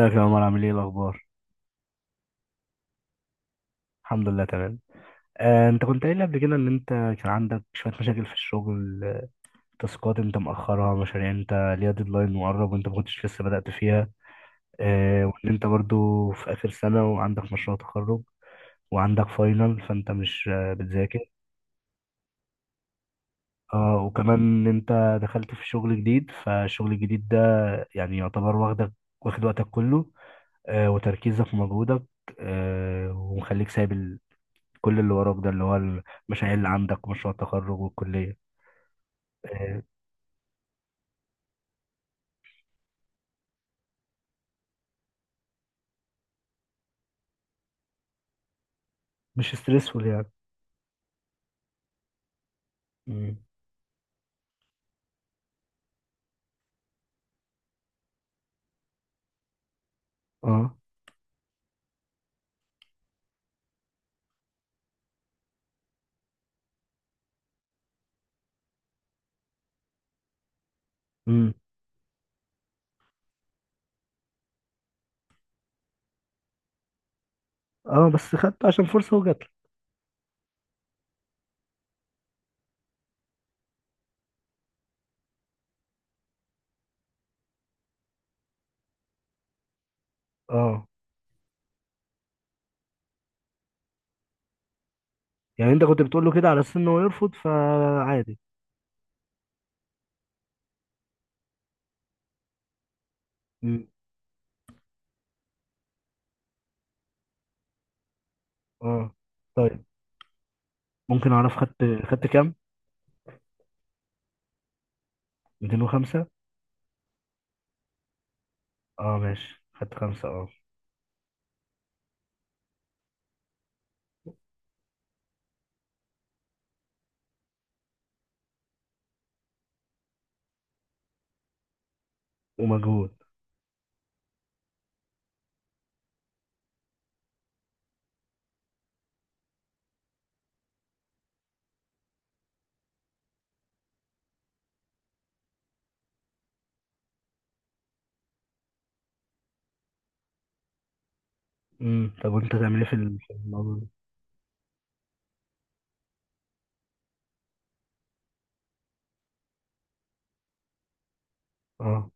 ازيك يا عمر؟ عامل ايه؟ الاخبار؟ الحمد لله، تمام. انت كنت قايل لي قبل كده ان انت كان عندك شويه مشاكل في الشغل، تاسكات انت مأخرها، مشاريع انت ليها ديدلاين مقرب وانت ما كنتش لسه بدأت فيها، وان انت برضو في اخر سنه وعندك مشروع تخرج وعندك فاينل، فانت مش بتذاكر. اه، وكمان ان انت دخلت في شغل جديد، فالشغل الجديد ده يعني يعتبر واخدك، واخد وقتك كله، وتركيزك ومجهودك، ومخليك سايب كل اللي وراك، ده اللي هو المشاريع اللي عندك ومشروع التخرج والكلية. آه، مش ستريسفول يعني. مم. اه. امم. اه، بس خدت عشان فرصة وجات لك. اه. يعني انت كنت بتقول له كده على اساس ان هو يرفض، فعادي. امم. اه. طيب، ممكن اعرف خدت كام؟ 205؟ اه ماشي، خدت خمسة. اه، ومجهود. امم. طب وانت تعمل ايه في الموضوع ده؟ اه.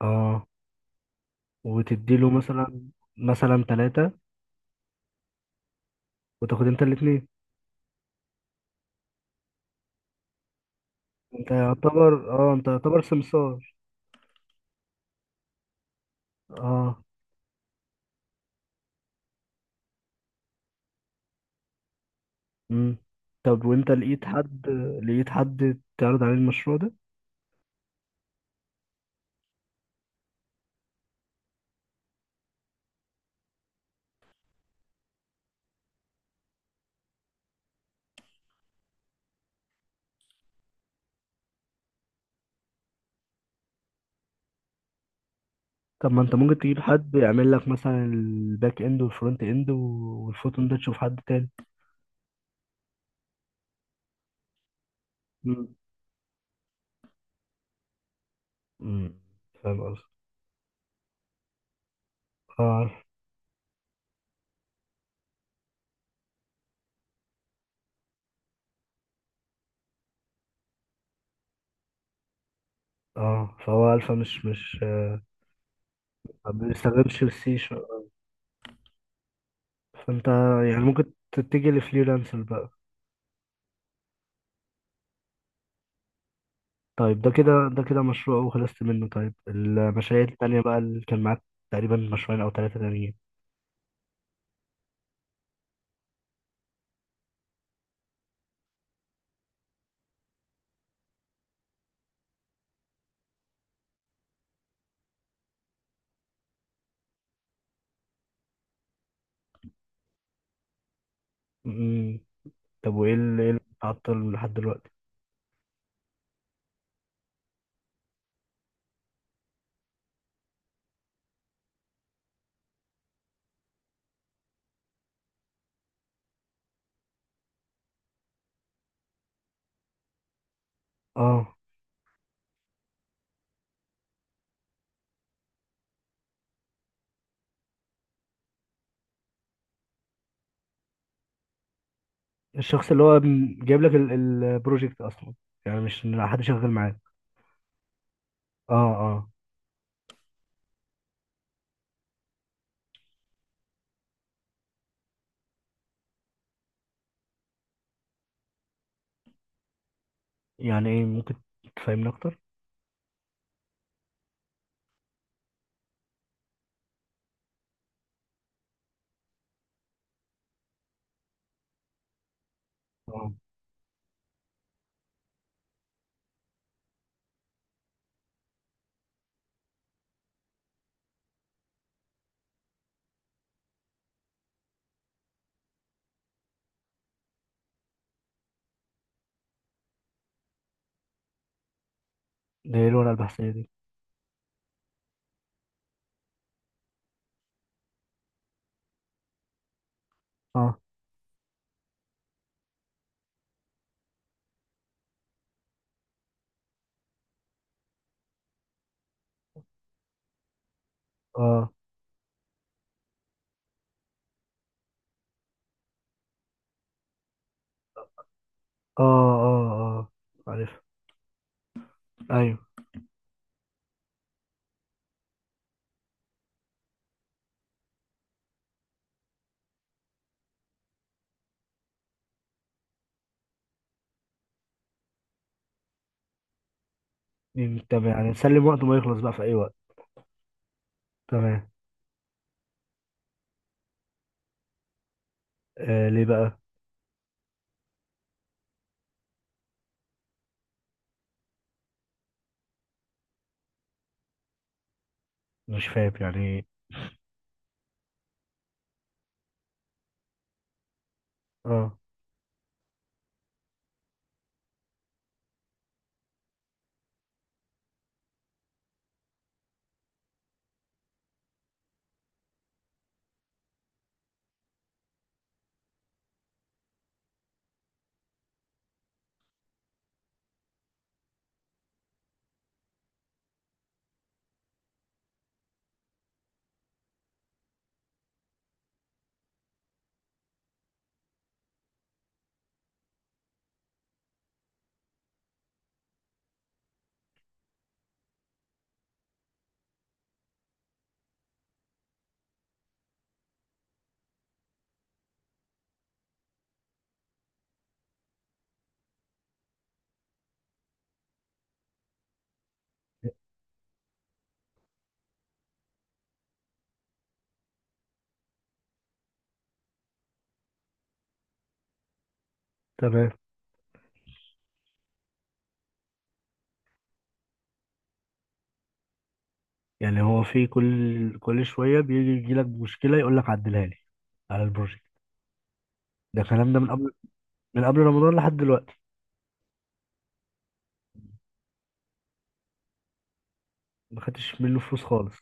اه. وتديله مثلا ثلاثة، وتاخد انت الاثنين. انت يعتبر سمسار؟ اه. امم. طب وانت لقيت حد تعرض عليه المشروع ده؟ طب ما انت ممكن تجيب حد يعمل لك مثلا الباك اند والفرونت اند والفوتون ده، تشوف حد تاني؟ امم. امم. فاهم قصدي؟ اه، عارف. اه، فهو الفا مش ما بيستخدمش السي. فانت يعني ممكن تتجه لفريلانسر بقى. طيب، ده كده مشروع وخلصت منه. طيب المشاريع التانية بقى اللي كان معاك تقريبا مشروعين او ثلاثة تانيين. امم. طب وايه اللي إيه اللي عطل لحد دلوقتي؟ اه. الشخص اللي هو جايب لك البروجكت اصلا؟ يعني مش إن حد شغال معاه. اه. اه. يعني ايه؟ ممكن تفهمني اكتر؟ اه. ده ايه الورقه البحثيه دي؟ اه. اه. اه. اه. اه، عارف. ايوه. دي تمام يعني، نسلم وقت ما يخلص بقى في اي وقت. تمام. ليه بقى؟ مش فاهم، يعني إيه؟ اه، تمام. يعني هو في كل شويه بيجي لك مشكله يقول لك عدلها لي على البروجكت؟ ده الكلام ده من قبل؟ من قبل رمضان لحد دلوقتي؟ ما خدتش منه فلوس خالص؟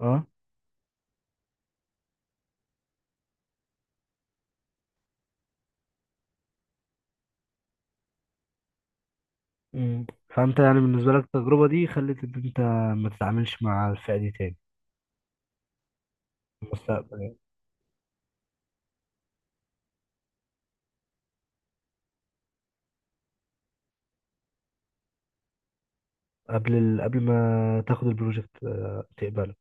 اه. مم. فانت يعني بالنسبه لك التجربه دي خلت ان انت ما تتعاملش مع الفئه دي تاني في المستقبل يعني. قبل ما تاخد البروجكت تقبله.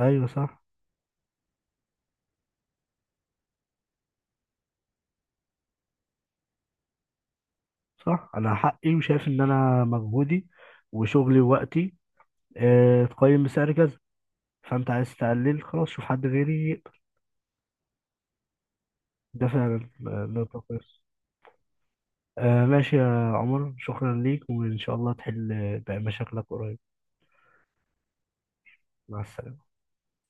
ايوه صح. صح، انا حقي وشايف ان انا مجهودي وشغلي ووقتي اتقيم بسعر كذا، فانت عايز تقلل، خلاص شوف حد غيري يقبل. ده فعلا نقطه كويسه. ماشي يا عمر، شكرا ليك وان شاء الله تحل باقي مشاكلك قريب. مع السلامه.